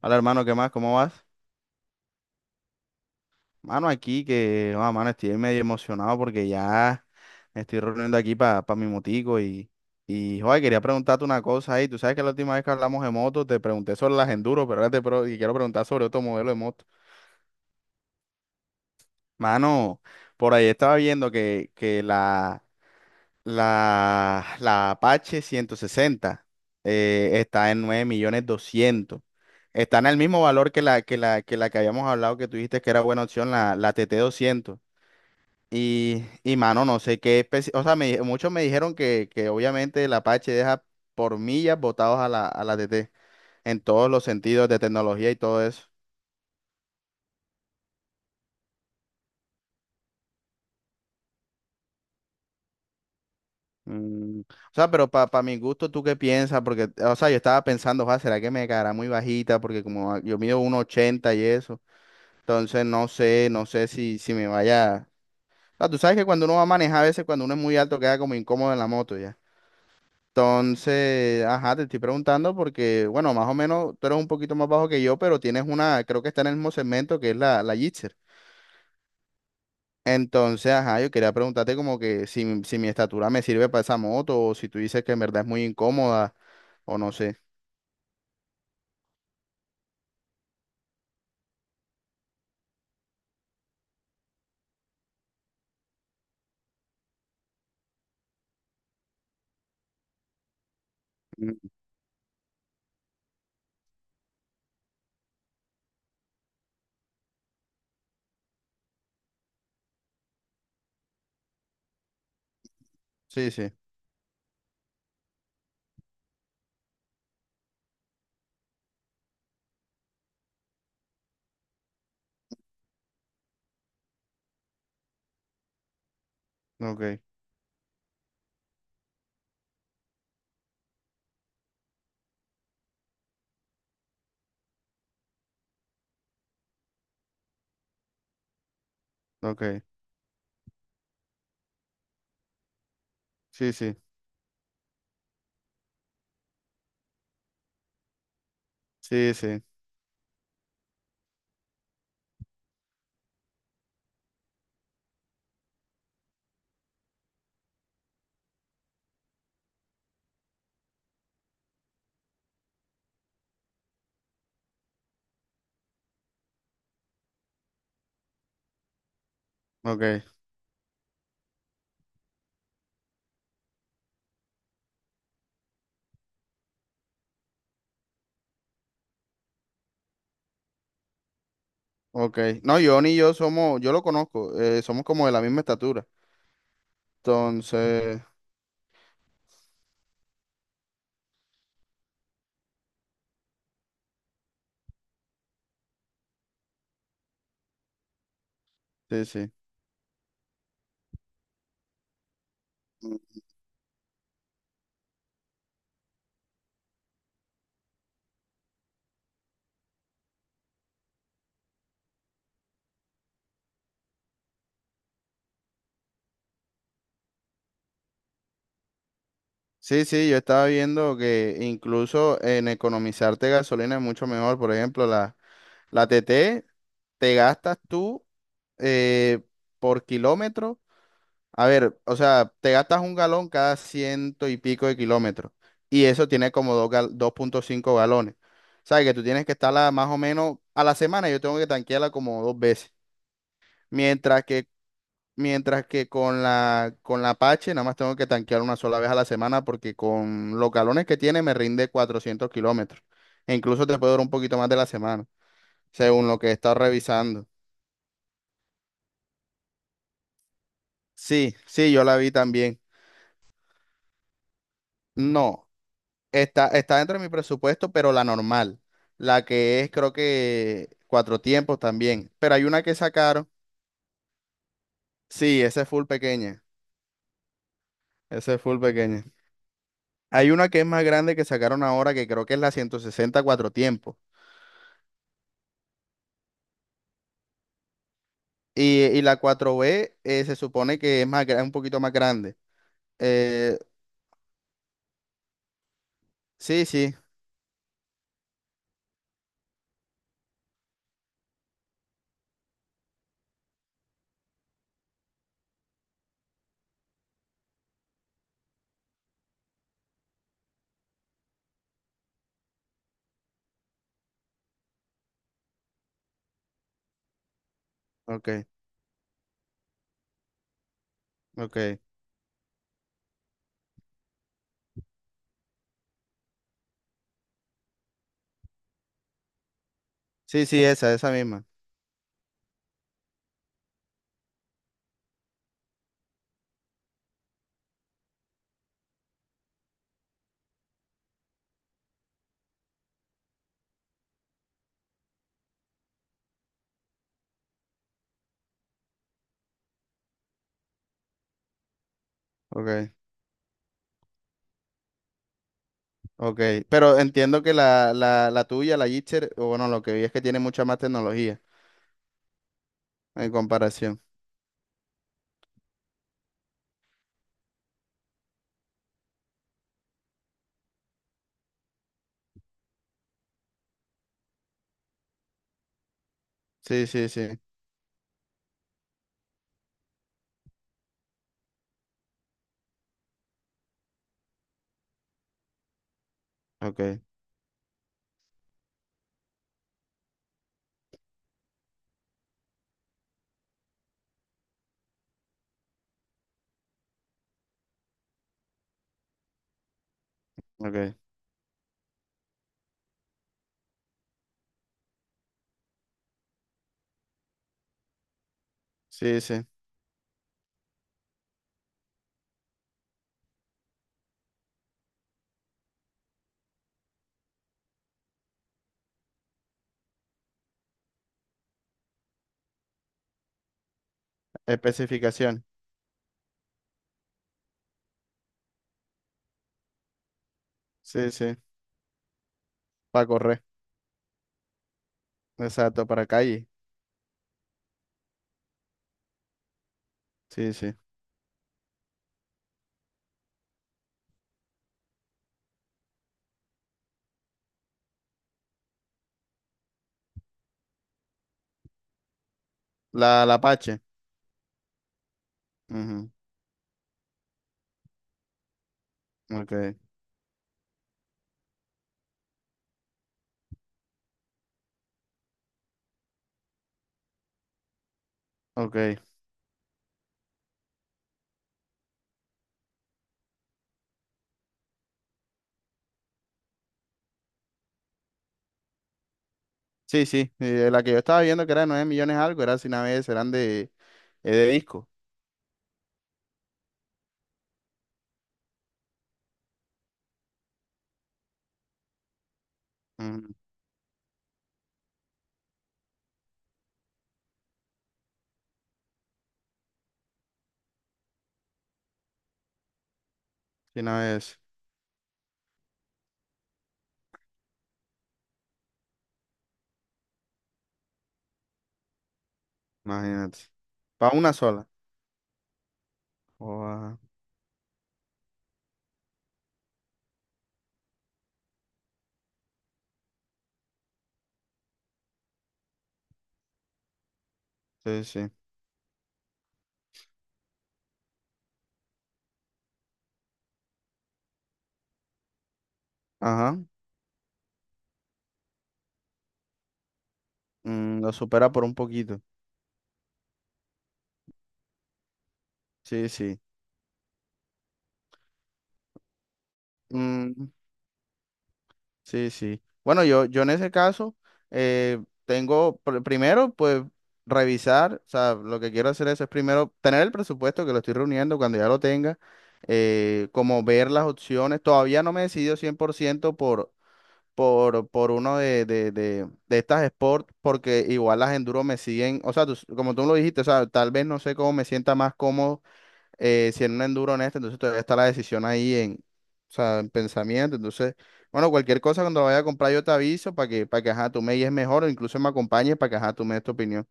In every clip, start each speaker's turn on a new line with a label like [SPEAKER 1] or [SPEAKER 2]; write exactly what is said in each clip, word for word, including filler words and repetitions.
[SPEAKER 1] Hola hermano, ¿qué más? ¿Cómo vas? Mano, aquí que, ah, mano, estoy medio emocionado porque ya me estoy reuniendo aquí para mi motico y, y, joder, quería preguntarte una cosa ahí. Tú sabes que la última vez que hablamos de motos te pregunté sobre las enduro, pero ahora te pro- y quiero preguntar sobre otro modelo de moto. Mano, por ahí estaba viendo que, que la, la, la Apache ciento sesenta eh, está en nueve millones doscientos. Está en el mismo valor que la que la que la que habíamos hablado que tú dijiste que era buena opción, la, la T T doscientos. Y, y mano, no sé qué especie, o sea, me di- muchos me dijeron que, que obviamente el Apache deja por millas botados a la, a la T T en todos los sentidos de tecnología y todo eso. Mm, O sea, pero para mi gusto, ¿tú qué piensas? Porque, o sea, yo estaba pensando, "Joa, ¿será que me caerá muy bajita?". Porque como a- yo mido uno ochenta y eso. Entonces, no sé, no sé si, si me vaya... O sea, tú sabes que cuando uno va a manejar, a veces cuando uno es muy alto queda como incómodo en la moto ya. Entonces, ajá, te estoy preguntando porque, bueno, más o menos tú eres un poquito más bajo que yo, pero tienes una, creo que está en el mismo segmento que es la, la Gixxer. Entonces, ajá, yo quería preguntarte como que si, mi- si mi estatura me sirve para esa moto o si tú dices que en verdad es muy incómoda o no sé. Mm, Sí, sí, ok, ok, sí, sí, sí, sí, ok, ok. No, yo ni yo somos, yo lo conozco, eh, somos como de la misma estatura. Entonces, sí, sí. Sí, sí, yo estaba viendo que incluso en economizarte gasolina es mucho mejor. Por ejemplo, la, la T T te gastas tú eh, por kilómetro. A ver, o sea, te gastas un galón cada ciento y pico de kilómetros. Y eso tiene como dos gal- dos punto cinco galones. O sea, que tú tienes que estarla más o menos a la semana. Yo tengo que tanquearla como dos veces. Mientras que Mientras que con la, con la Apache nada más tengo que tanquear una sola vez a la semana porque con los galones que tiene me rinde cuatrocientos kilómetros. E incluso te puede durar un poquito más de la semana, según lo que he estado revisando. Sí, sí, yo la vi también. No, está, está dentro de mi presupuesto, pero la normal. La que es creo que cuatro tiempos también. Pero hay una que sacaron. Sí, esa es full pequeña. Esa es full pequeña. Hay una que es más grande que sacaron ahora que creo que es la ciento sesenta cuatro tiempos. Y, y la cuatro b eh, se supone que es más, gra- un poquito más grande. Eh, sí, sí, ok, ok. Sí, sí, esa, esa misma. Ok, ok. Pero entiendo que la, la, la tuya, la Gitcher, o bueno, lo que vi es que tiene mucha más tecnología en comparación. Sí, sí, sí. Ok, ok. Sí, sí. Especificación. Sí, sí. Para correr. Exacto, para calle. Sí, sí. La, la Apache. Ujú, ok, ok. Sí, sí, eh, la que yo estaba viendo que era de nueve millones algo, era sin A B S, eran de, eh, de disco. Ujú, sin A B S, imagínate. Para una sola. Joda, sí, sí. Ajá. mm, lo supera por un poquito. Sí, sí. Mm, sí, sí. Bueno, yo, yo en ese caso eh, tengo, pr- primero, pues revisar, o sea, lo que quiero hacer eso es primero tener el presupuesto que lo estoy reuniendo cuando ya lo tenga, eh, como ver las opciones. Todavía no me he decidido cien por ciento por por, por uno de, de, de, de estas sports, porque igual las enduro me siguen, o sea, tú- como tú lo dijiste, o sea, tal vez no sé cómo me sienta más cómodo eh, si en un enduro en este, entonces todavía está la decisión ahí en, o sea, en pensamiento, entonces, bueno, cualquier cosa cuando vaya a comprar yo te aviso para que, para que, ajá, tú me guíes mejor o incluso me acompañes para que, ajá, tú me des tu opinión.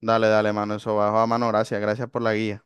[SPEAKER 1] Dale, dale, mano, eso bajo a mano, gracias, gracias por la guía.